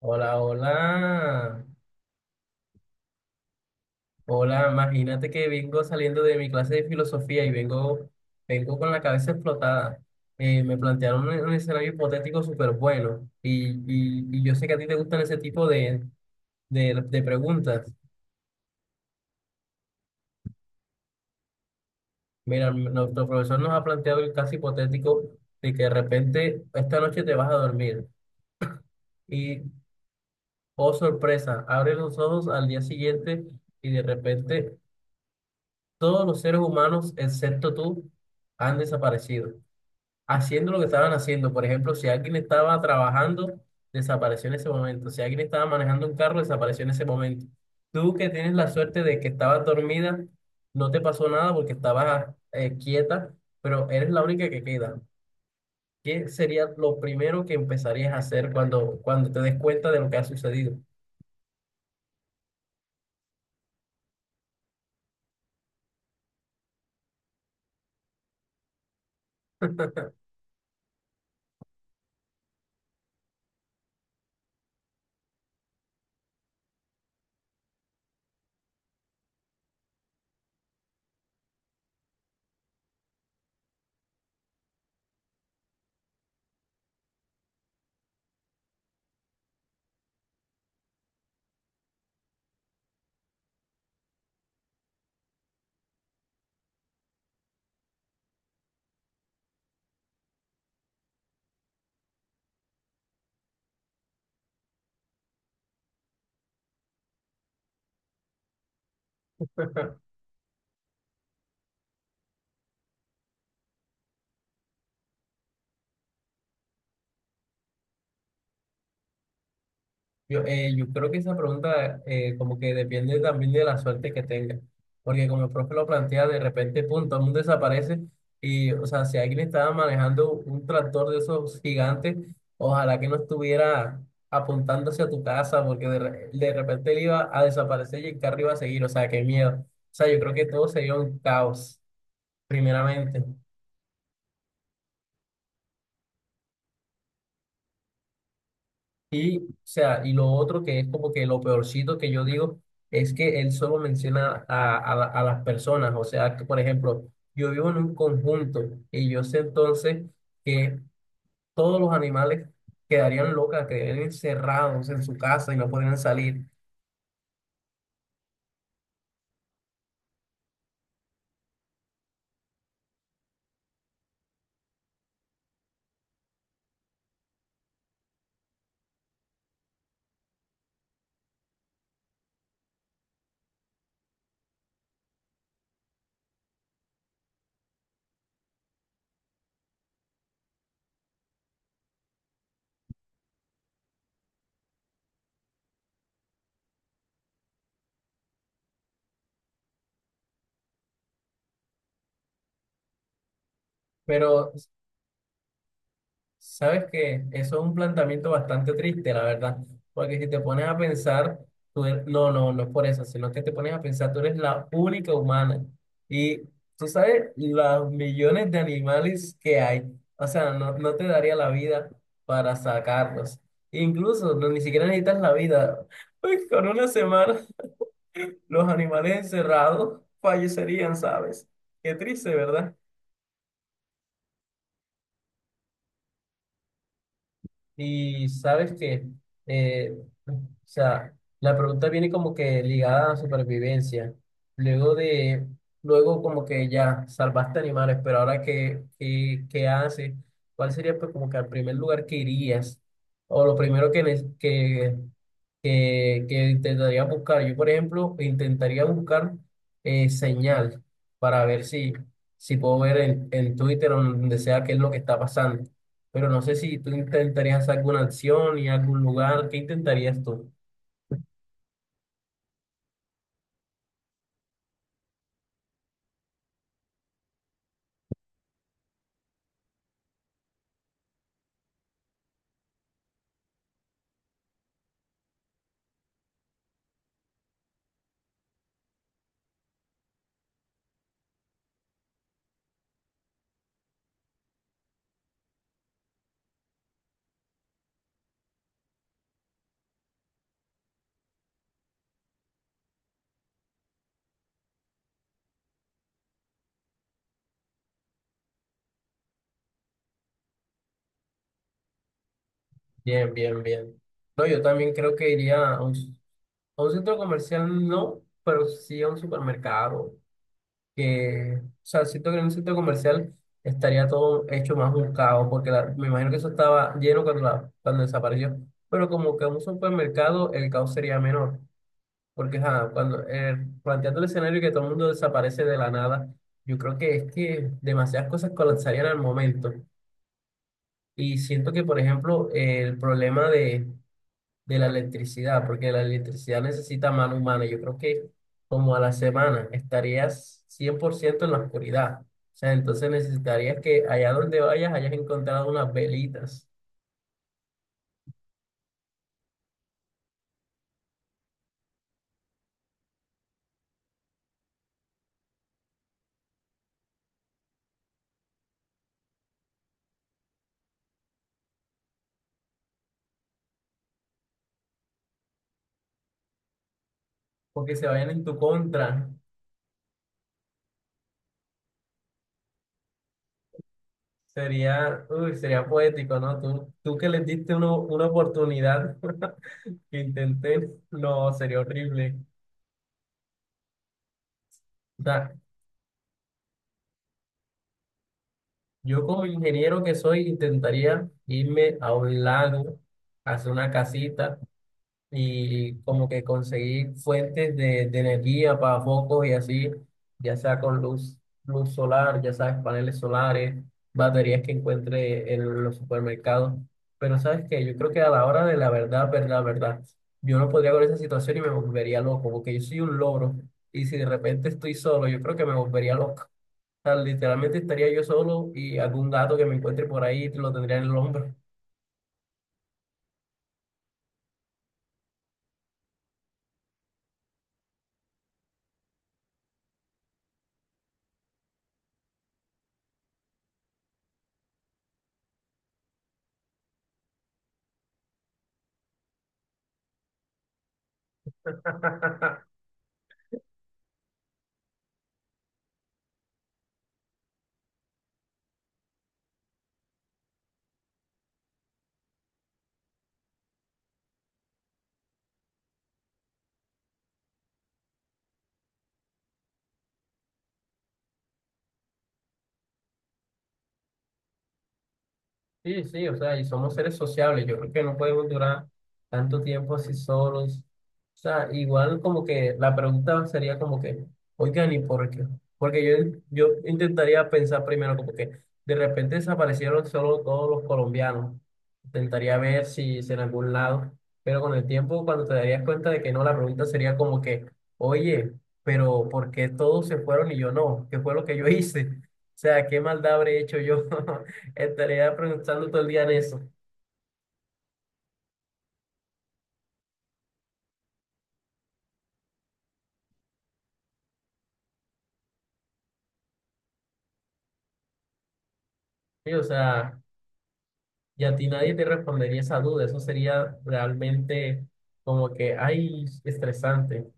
Hola, hola. Hola, imagínate que vengo saliendo de mi clase de filosofía y vengo con la cabeza explotada. Me plantearon un escenario hipotético súper bueno, y yo sé que a ti te gustan ese tipo de preguntas. Mira, nuestro profesor nos ha planteado el caso hipotético de que de repente esta noche te vas a dormir y, oh sorpresa, abres los ojos al día siguiente y de repente todos los seres humanos, excepto tú, han desaparecido, haciendo lo que estaban haciendo. Por ejemplo, si alguien estaba trabajando, desapareció en ese momento. Si alguien estaba manejando un carro, desapareció en ese momento. Tú, que tienes la suerte de que estabas dormida, no te pasó nada porque estabas quieta, pero eres la única que queda. ¿Qué sería lo primero que empezarías a hacer cuando, cuando te des cuenta de lo que ha sucedido? Yo creo que esa pregunta, como que depende también de la suerte que tenga, porque como el profe lo plantea, de repente, pum, todo el mundo desaparece y, o sea, si alguien estaba manejando un tractor de esos gigantes, ojalá que no estuviera apuntando hacia tu casa, porque de repente él iba a desaparecer y el carro iba a seguir. O sea, qué miedo. O sea, yo creo que todo sería un caos, primeramente. Y, o sea, y lo otro que es como que lo peorcito, que yo digo, es que él solo menciona a las personas. O sea, que, por ejemplo, yo vivo en un conjunto y yo sé entonces que todos los animales quedarían locas, quedarían encerrados en su casa y no podrían salir. Pero sabes que eso es un planteamiento bastante triste, la verdad, porque si te pones a pensar, no, no, no es por eso, sino que te pones a pensar, tú eres la única humana y tú sabes los millones de animales que hay. O sea, no, no te daría la vida para sacarlos. Incluso no, ni siquiera necesitas la vida, pues con una semana los animales encerrados fallecerían, ¿sabes? Qué triste, ¿verdad? Y sabes que, eh, o sea, la pregunta viene como que ligada a la supervivencia. Luego de, luego como que ya salvaste animales, pero ahora qué haces? ¿Cuál sería pues como que el primer lugar que irías? O lo primero que, ne- que intentaría buscar. Yo, por ejemplo, intentaría buscar señal, para ver si, si puedo ver en Twitter o en donde sea qué es lo que está pasando. Pero no sé si tú intentarías hacer alguna acción y algún lugar. ¿Qué intentarías tú? Bien, bien, bien. No, yo también creo que iría a un centro comercial, no, pero sí a un supermercado. Que, o sea, siento que en un centro comercial estaría todo hecho más un caos, porque la- me imagino que eso estaba lleno cuando, la- cuando desapareció. Pero como que en un supermercado el caos sería menor. Porque ajá, cuando, planteando el escenario que todo el mundo desaparece de la nada, yo creo que es que demasiadas cosas colapsarían al momento. Y siento que, por ejemplo, el problema de la electricidad, porque la electricidad necesita mano humana, yo creo que como a la semana estarías 100% en la oscuridad. O sea, entonces necesitarías que allá donde vayas hayas encontrado unas velitas, porque se vayan en tu contra. Sería, uy, sería poético, ¿no? Tú que les diste una oportunidad, que intenté, no, sería horrible. O sea, yo, como ingeniero que soy, intentaría irme a un lago, hacer una casita y como que conseguir fuentes de energía para focos y así, ya sea con luz, luz solar, ya sabes, paneles solares, baterías que encuentre en los supermercados. Pero sabes que yo creo que a la hora de la verdad, verdad, verdad, yo no podría con esa situación y me volvería loco, porque yo soy un logro y si de repente estoy solo, yo creo que me volvería loco. O sea, literalmente estaría yo solo y algún gato que me encuentre por ahí lo tendría en el hombro. Sí, sí, o sea, y somos seres sociables. Yo creo que no podemos durar tanto tiempo así solos. O sea, igual como que la pregunta sería como que, oigan, ¿y por qué? Porque yo intentaría pensar primero como que de repente desaparecieron solo todos los colombianos. Intentaría ver si, si en algún lado, pero con el tiempo, cuando te darías cuenta de que no, la pregunta sería como que, oye, pero ¿por qué todos se fueron y yo no? ¿Qué fue lo que yo hice? O sea, ¿qué maldad habré hecho yo? Estaría preguntando todo el día en eso. Sí, o sea, y a ti nadie te respondería esa duda. Eso sería realmente como que, ay, estresante.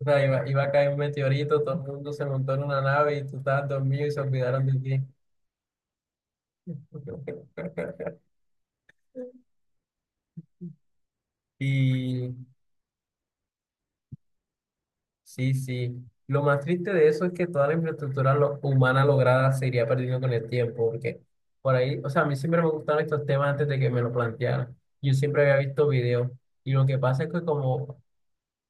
O sea, iba a caer un meteorito, todo el mundo se montó en una nave y tú estabas dormido y se olvidaron de ti. Y sí, sí. Lo más triste de eso es que toda la infraestructura humana lograda se iría perdiendo con el tiempo, porque por ahí, o sea, a mí siempre me gustaron estos temas antes de que me lo plantearan. Yo siempre había visto videos, y lo que pasa es que como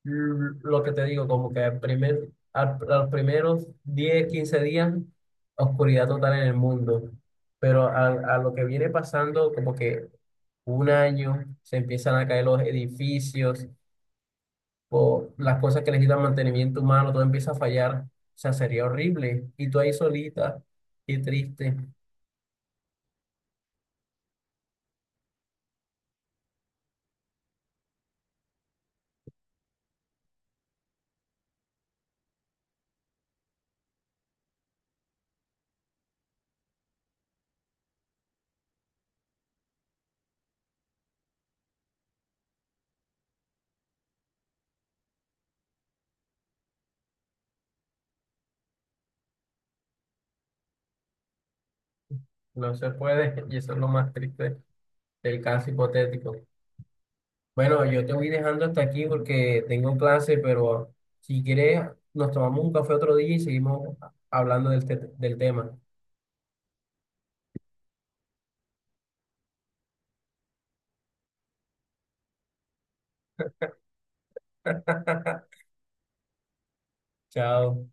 Lo que te digo, como que a los primeros 10 15 días, oscuridad total en el mundo. Pero a lo que viene pasando, como que 1 año, se empiezan a caer los edificios, o las cosas que necesitan mantenimiento humano, todo empieza a fallar. O sea, sería horrible. Y tú ahí solita, qué triste. No se puede. Y eso es lo más triste del caso hipotético. Bueno, yo te voy dejando hasta aquí porque tengo clase, pero si quieres, nos tomamos un café otro día y seguimos hablando del tema. Chao.